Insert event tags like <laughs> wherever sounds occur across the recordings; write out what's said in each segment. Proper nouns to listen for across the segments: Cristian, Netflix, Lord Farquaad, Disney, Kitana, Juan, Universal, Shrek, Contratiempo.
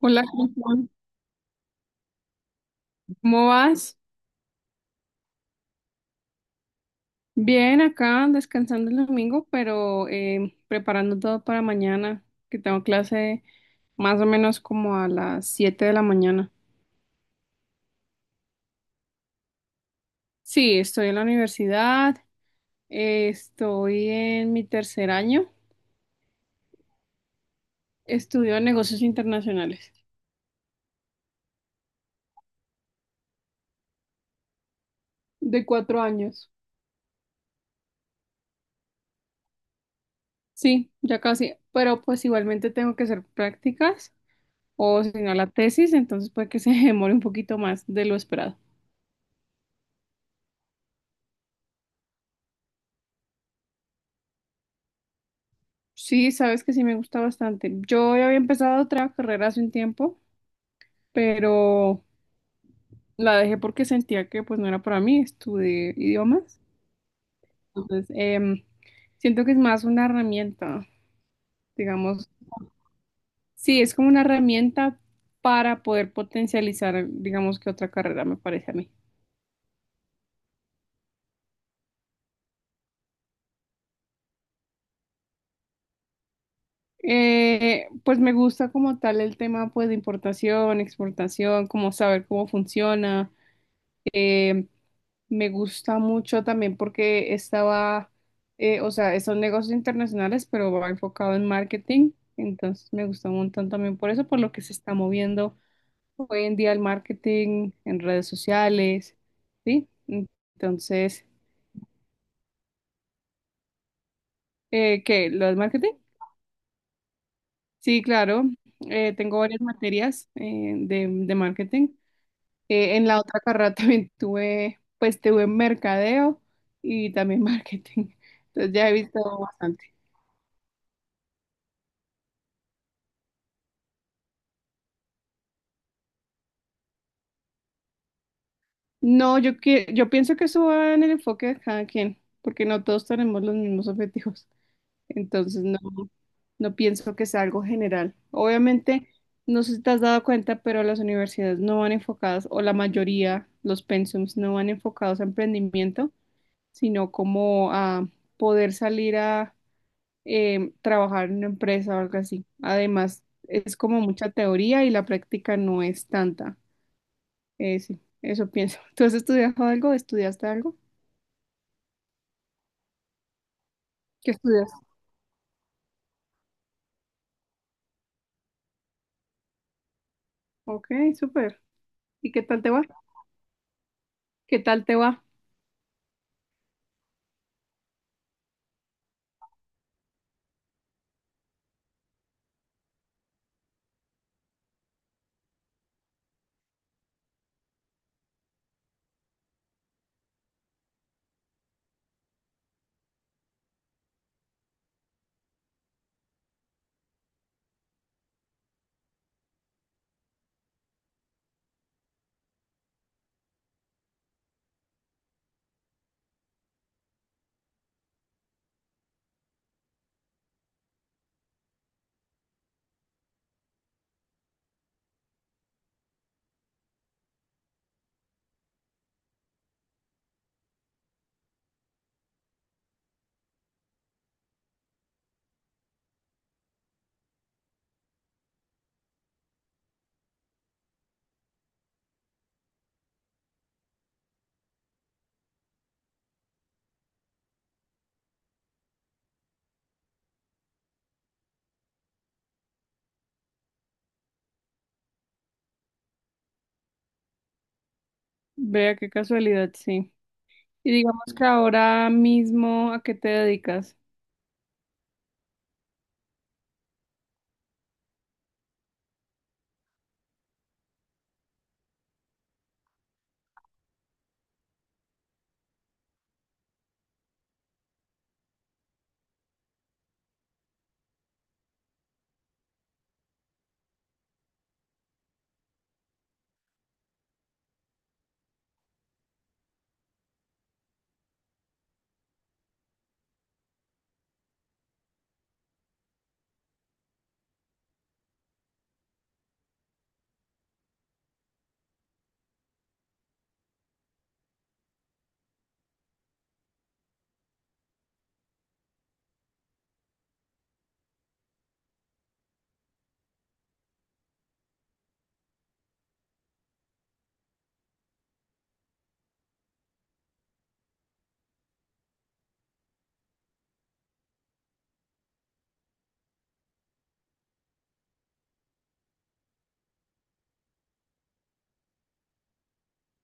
Hola, ¿cómo Juan? ¿Cómo vas? Bien, acá descansando el domingo, pero preparando todo para mañana, que tengo clase más o menos como a las 7 de la mañana. Sí, estoy en la universidad, estoy en mi tercer año, estudio negocios internacionales de 4 años. Sí, ya casi, pero pues igualmente tengo que hacer prácticas o si no la tesis, entonces puede que se <laughs> demore un poquito más de lo esperado. Sí, sabes que sí me gusta bastante. Yo ya había empezado otra carrera hace un tiempo, pero la dejé porque sentía que pues no era para mí, estudié idiomas. Entonces, siento que es más una herramienta, digamos. Sí, es como una herramienta para poder potencializar, digamos, que otra carrera me parece a mí. Pues me gusta como tal el tema pues de importación, exportación, como saber cómo funciona. em, Me gusta mucho también porque estaba, o sea, son negocios internacionales, pero va enfocado en marketing. Entonces me gusta un montón también por eso, por lo que se está moviendo hoy en día el marketing en redes sociales, ¿sí? Entonces, ¿qué? ¿Lo del marketing? Sí, claro. Tengo varias materias de marketing. En la otra carrera <laughs> también tuve, pues tuve mercadeo y también <laughs> marketing. Entonces ya he visto bastante. No, yo pienso que eso va en el enfoque de cada quien, porque no todos tenemos los mismos objetivos. Entonces, no, no pienso que sea algo general. Obviamente, no sé si te has dado cuenta, pero las universidades no van enfocadas, o la mayoría, los pensums, no van enfocados a emprendimiento, sino como a poder salir a trabajar en una empresa o algo así. Además, es como mucha teoría y la práctica no es tanta. Sí, eso pienso. <laughs> ¿Tú has estudiado algo? ¿Estudiaste algo? ¿Qué estudias? Ok, súper. ¿Y qué tal te va? ¿Qué tal te va? Vea qué casualidad, sí. Y digamos que ahora mismo, ¿a qué te dedicas?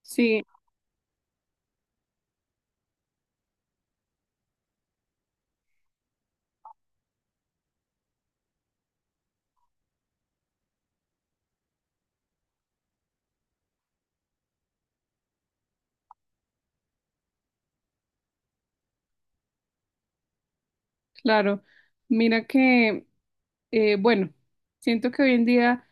Sí, claro. Mira que, bueno, siento que hoy en día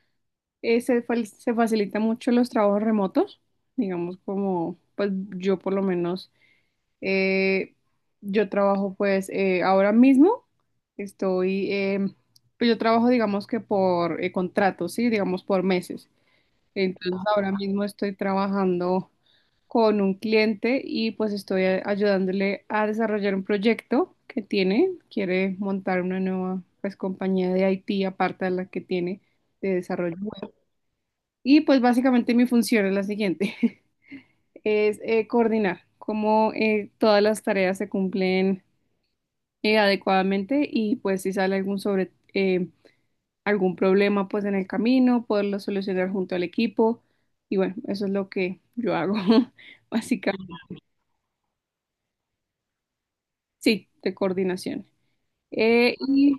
se facilita mucho los trabajos remotos, digamos como, pues yo por lo menos, eh, yo trabajo pues ahora mismo, estoy, pues yo trabajo digamos que por contratos, sí, digamos por meses. Entonces ahora mismo estoy trabajando con un cliente y pues estoy ayudándole a desarrollar un proyecto que tiene. Quiere montar una nueva pues compañía de IT aparte de la que tiene de desarrollo web. Y pues básicamente mi función es la siguiente, <laughs> es coordinar cómo todas las tareas se cumplen adecuadamente y pues si sale algún sobresalto algún problema pues en el camino, poderlo solucionar junto al equipo. Y bueno, eso es lo que yo hago, <laughs> básicamente. Sí, de coordinación. Y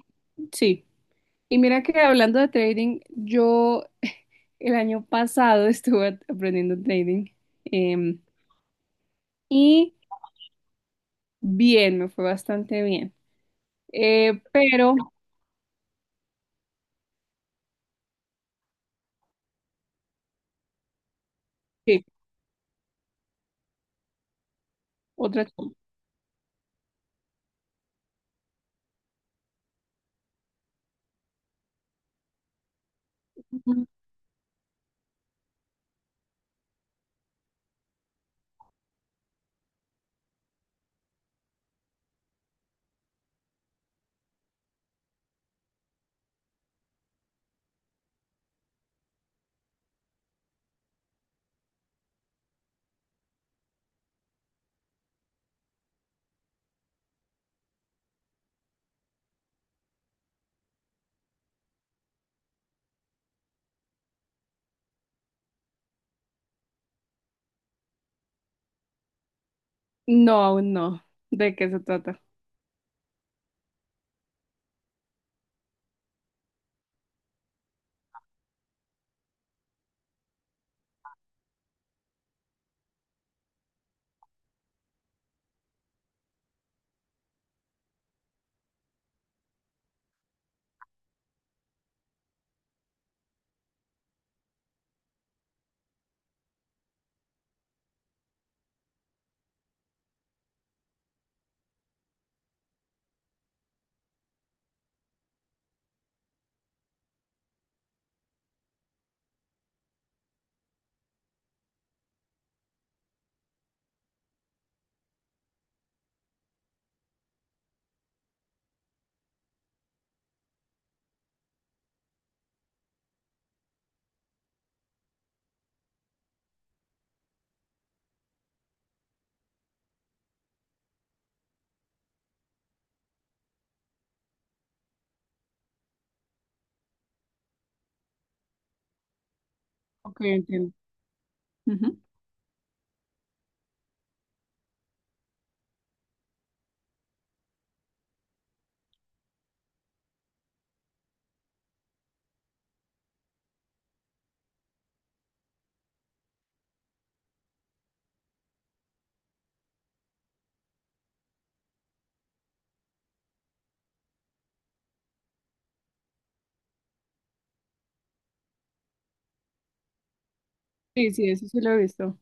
sí, y mira que hablando de trading, yo <laughs> el año pasado <laughs> estuve aprendiendo trading em, y bien, me fue bastante bien. Pero, sí, otra... No, aún no. ¿De qué se trata? Ok, entiendo. Ujú. Sí, sí, eso sí lo he visto.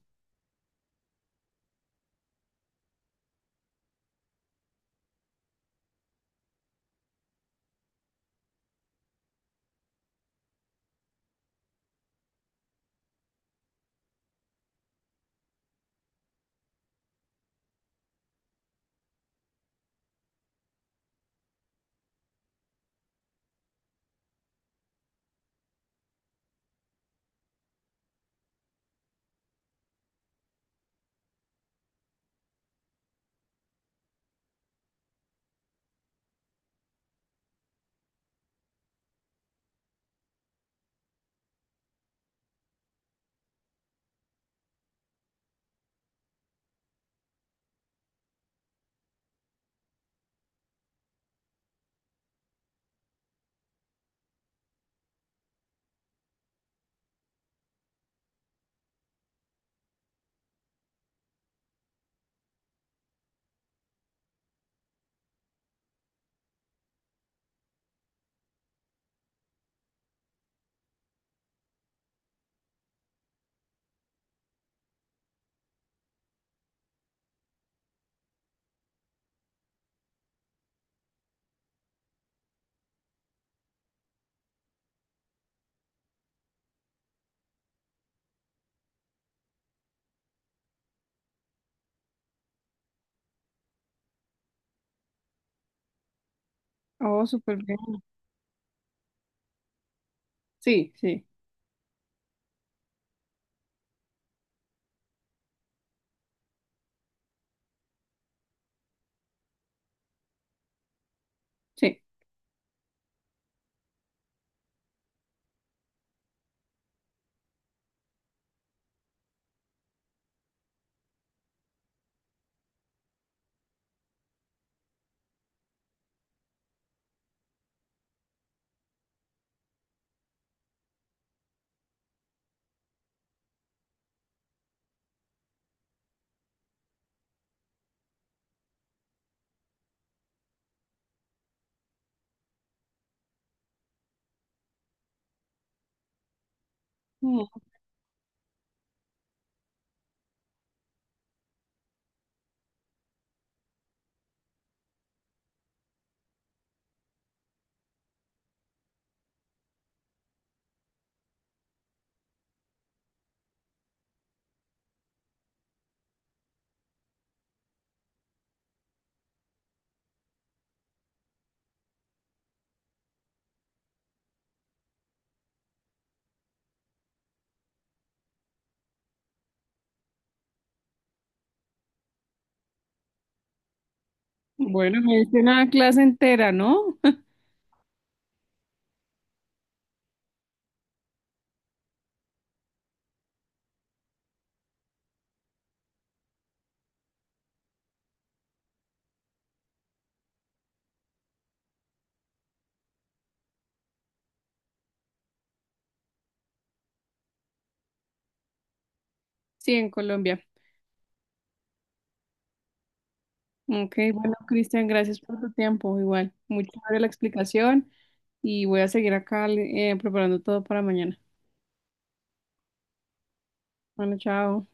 Oh, súper bien. Sí, sí, sí. Mm. Bueno, me diste una clase entera, ¿no? <laughs> Sí, en Colombia. Ok, bueno, Cristian, gracias por tu tiempo. Igual, muy chévere la explicación y voy a seguir acá preparando todo para mañana. Bueno, chao.